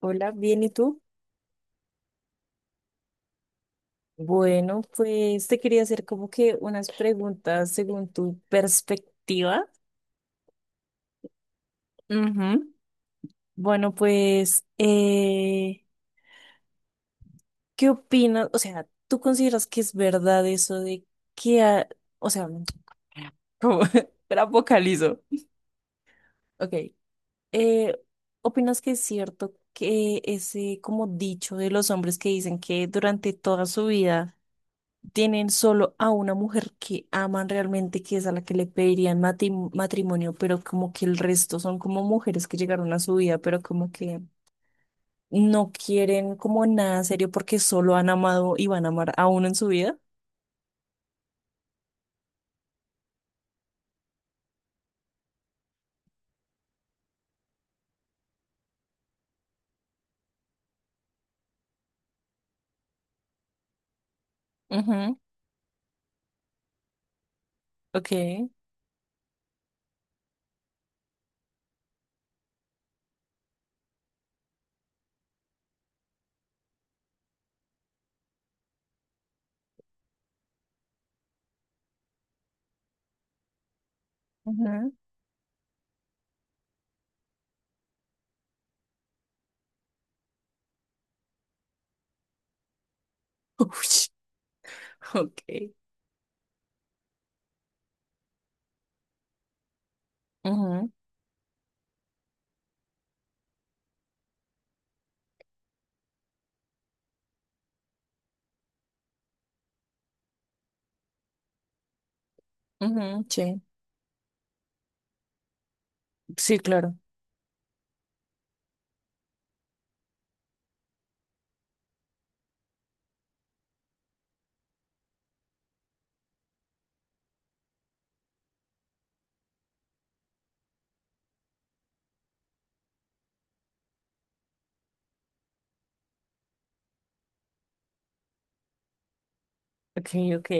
Hola, bien, ¿y tú? Bueno, pues te quería hacer como que unas preguntas según tu perspectiva. Ujú. Bueno, pues, ¿qué opinas? O sea, ¿tú consideras que es verdad eso de que, o sea, como, era vocalizo. Ok, eh, ¿opinas que es cierto que ese como dicho de los hombres que dicen que durante toda su vida tienen solo a una mujer que aman realmente, que es a la que le pedirían matrimonio, pero como que el resto son como mujeres que llegaron a su vida, pero como que no quieren como nada serio porque solo han amado y van a amar a uno en su vida? Ujú, ok, ujú, ush, ok, ujú, ujú, sí, sí, claro, ok, ok,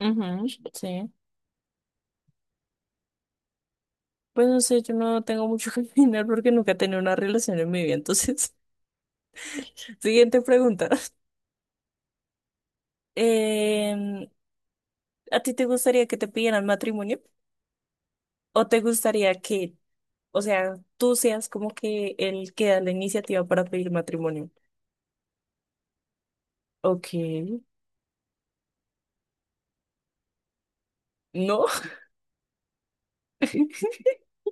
ujú, sí. Pues no sé, yo no tengo mucho que opinar porque nunca he tenido una relación en mi vida, entonces, siguiente pregunta. Em, ¿A ti te gustaría que te pidieran matrimonio? ¿O te gustaría que, o sea, tú seas como que el que da la iniciativa para pedir matrimonio? Ok, no.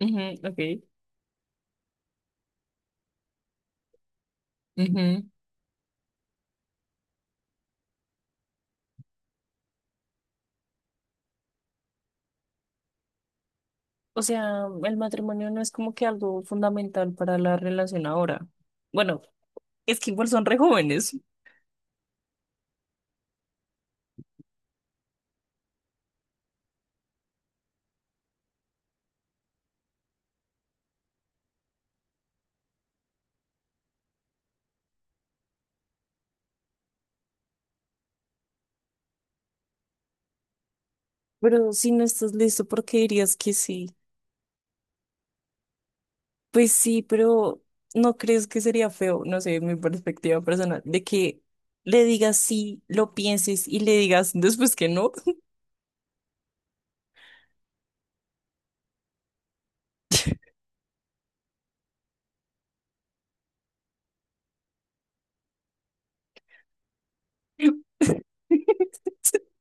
Ujú, ok. Ujú. O sea, el matrimonio no es como que algo fundamental para la relación ahora. Bueno, es que igual son re jóvenes. Pero si no estás listo, ¿por qué dirías que sí? Pues sí, pero ¿no crees que sería feo? No sé, mi perspectiva personal, de que le digas sí, lo pienses y le digas después que no.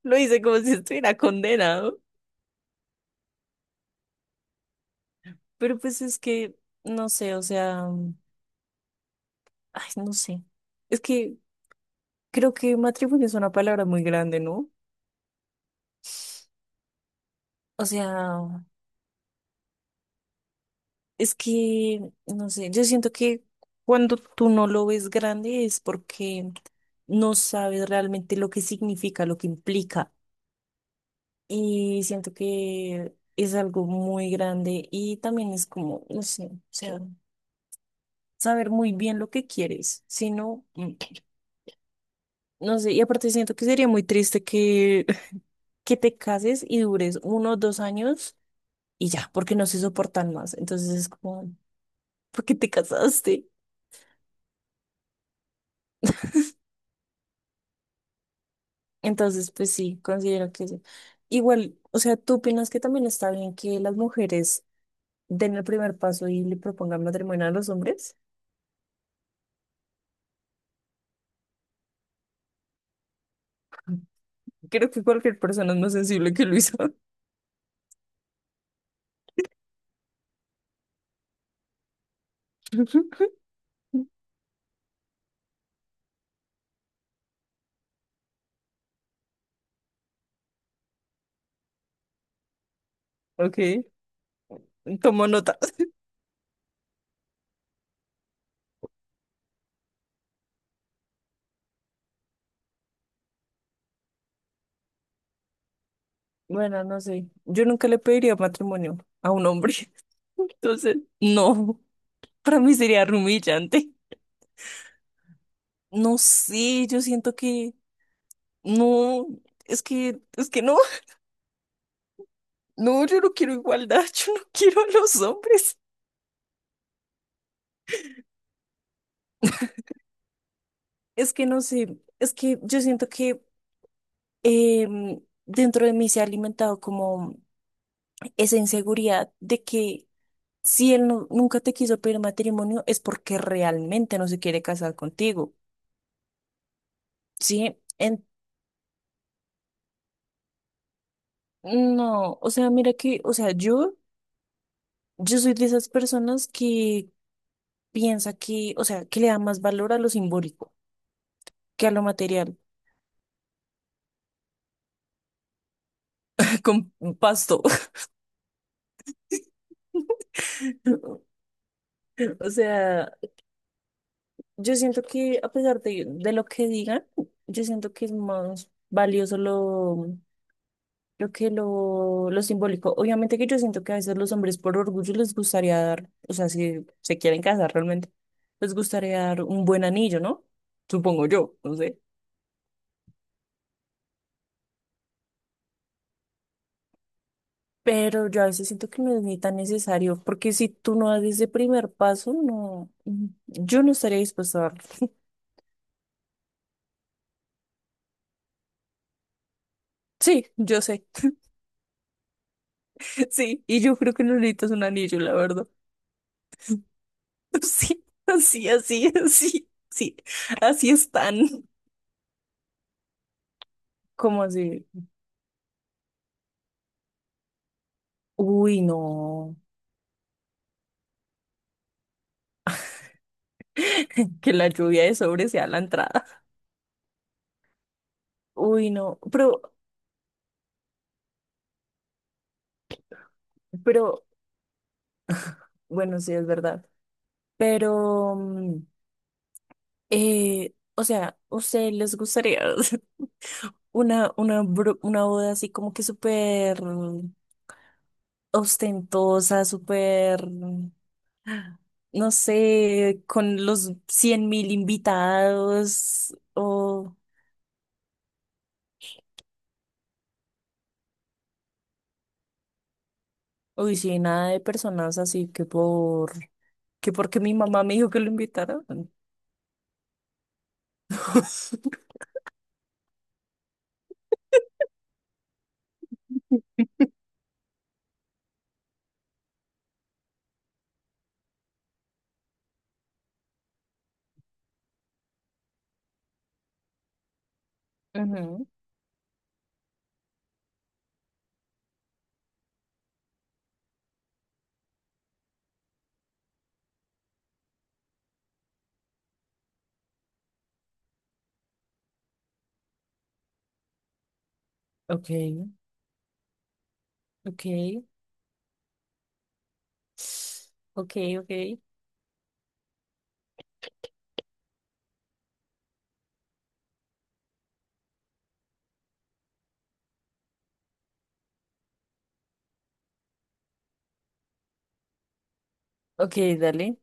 Lo hice como si estuviera condenado. Pero pues es que, no sé, o sea, ay, no sé. Es que creo que matrimonio es una palabra muy grande, ¿no? O sea, es que, no sé, yo siento que cuando tú no lo ves grande es porque no sabes realmente lo que significa, lo que implica. Y siento que es algo muy grande y también es como, no sé, o sea, saber muy bien lo que quieres, si no, mm, no sé, y aparte siento que sería muy triste que, que te cases y dures 1 o 2 años y ya, porque no se soportan más, entonces es como, ¿por qué te casaste? Entonces, pues sí, considero que sí. Igual, o sea, ¿tú opinas que también está bien que las mujeres den el primer paso y le propongan matrimonio a los hombres? Creo que cualquier persona es más sensible que Luisa. Ok, tomo nota. Bueno, no sé. Yo nunca le pediría matrimonio a un hombre. Entonces, no. Para mí sería humillante. No sé, yo siento que no. Es que no. No, yo no quiero igualdad. Yo no quiero a los hombres. Es que no sé. Es que yo siento que em, dentro de mí se ha alimentado como esa inseguridad de que, si él nunca te quiso pedir matrimonio, es porque realmente no se quiere casar contigo, ¿sí? En- no, o sea, mira que, o sea, yo soy de esas personas que piensa que, o sea, que le da más valor a lo simbólico que a lo material, con pasto. O sea, yo siento que a pesar de lo que digan, yo siento que es más valioso lo que lo simbólico. Obviamente que yo siento que a veces los hombres por orgullo les gustaría dar, o sea, si se quieren casar realmente, les gustaría dar un buen anillo, ¿no? Supongo yo, no sé. Pero yo a veces siento que no es ni tan necesario, porque si tú no das ese primer paso, no, mm, yo no estaría dispuesta a darlo. Sí, yo sé. Sí, y yo creo que no necesitas un anillo, la verdad. Sí, así, así, así, sí, así están. Como así? Uy, no. Que la lluvia de sobre sea la entrada. Uy, no, pero, pero, bueno, sí, es verdad. Pero, o sea, ¿ustedes les gustaría una boda así como que súper ostentosa, súper, no sé, con los 100.000 invitados o, uy, sí, nada de personas así que por, que porque mi mamá me dijo que lo invitaran? Ujú. Ok, ok, ok, ok, ok, dale.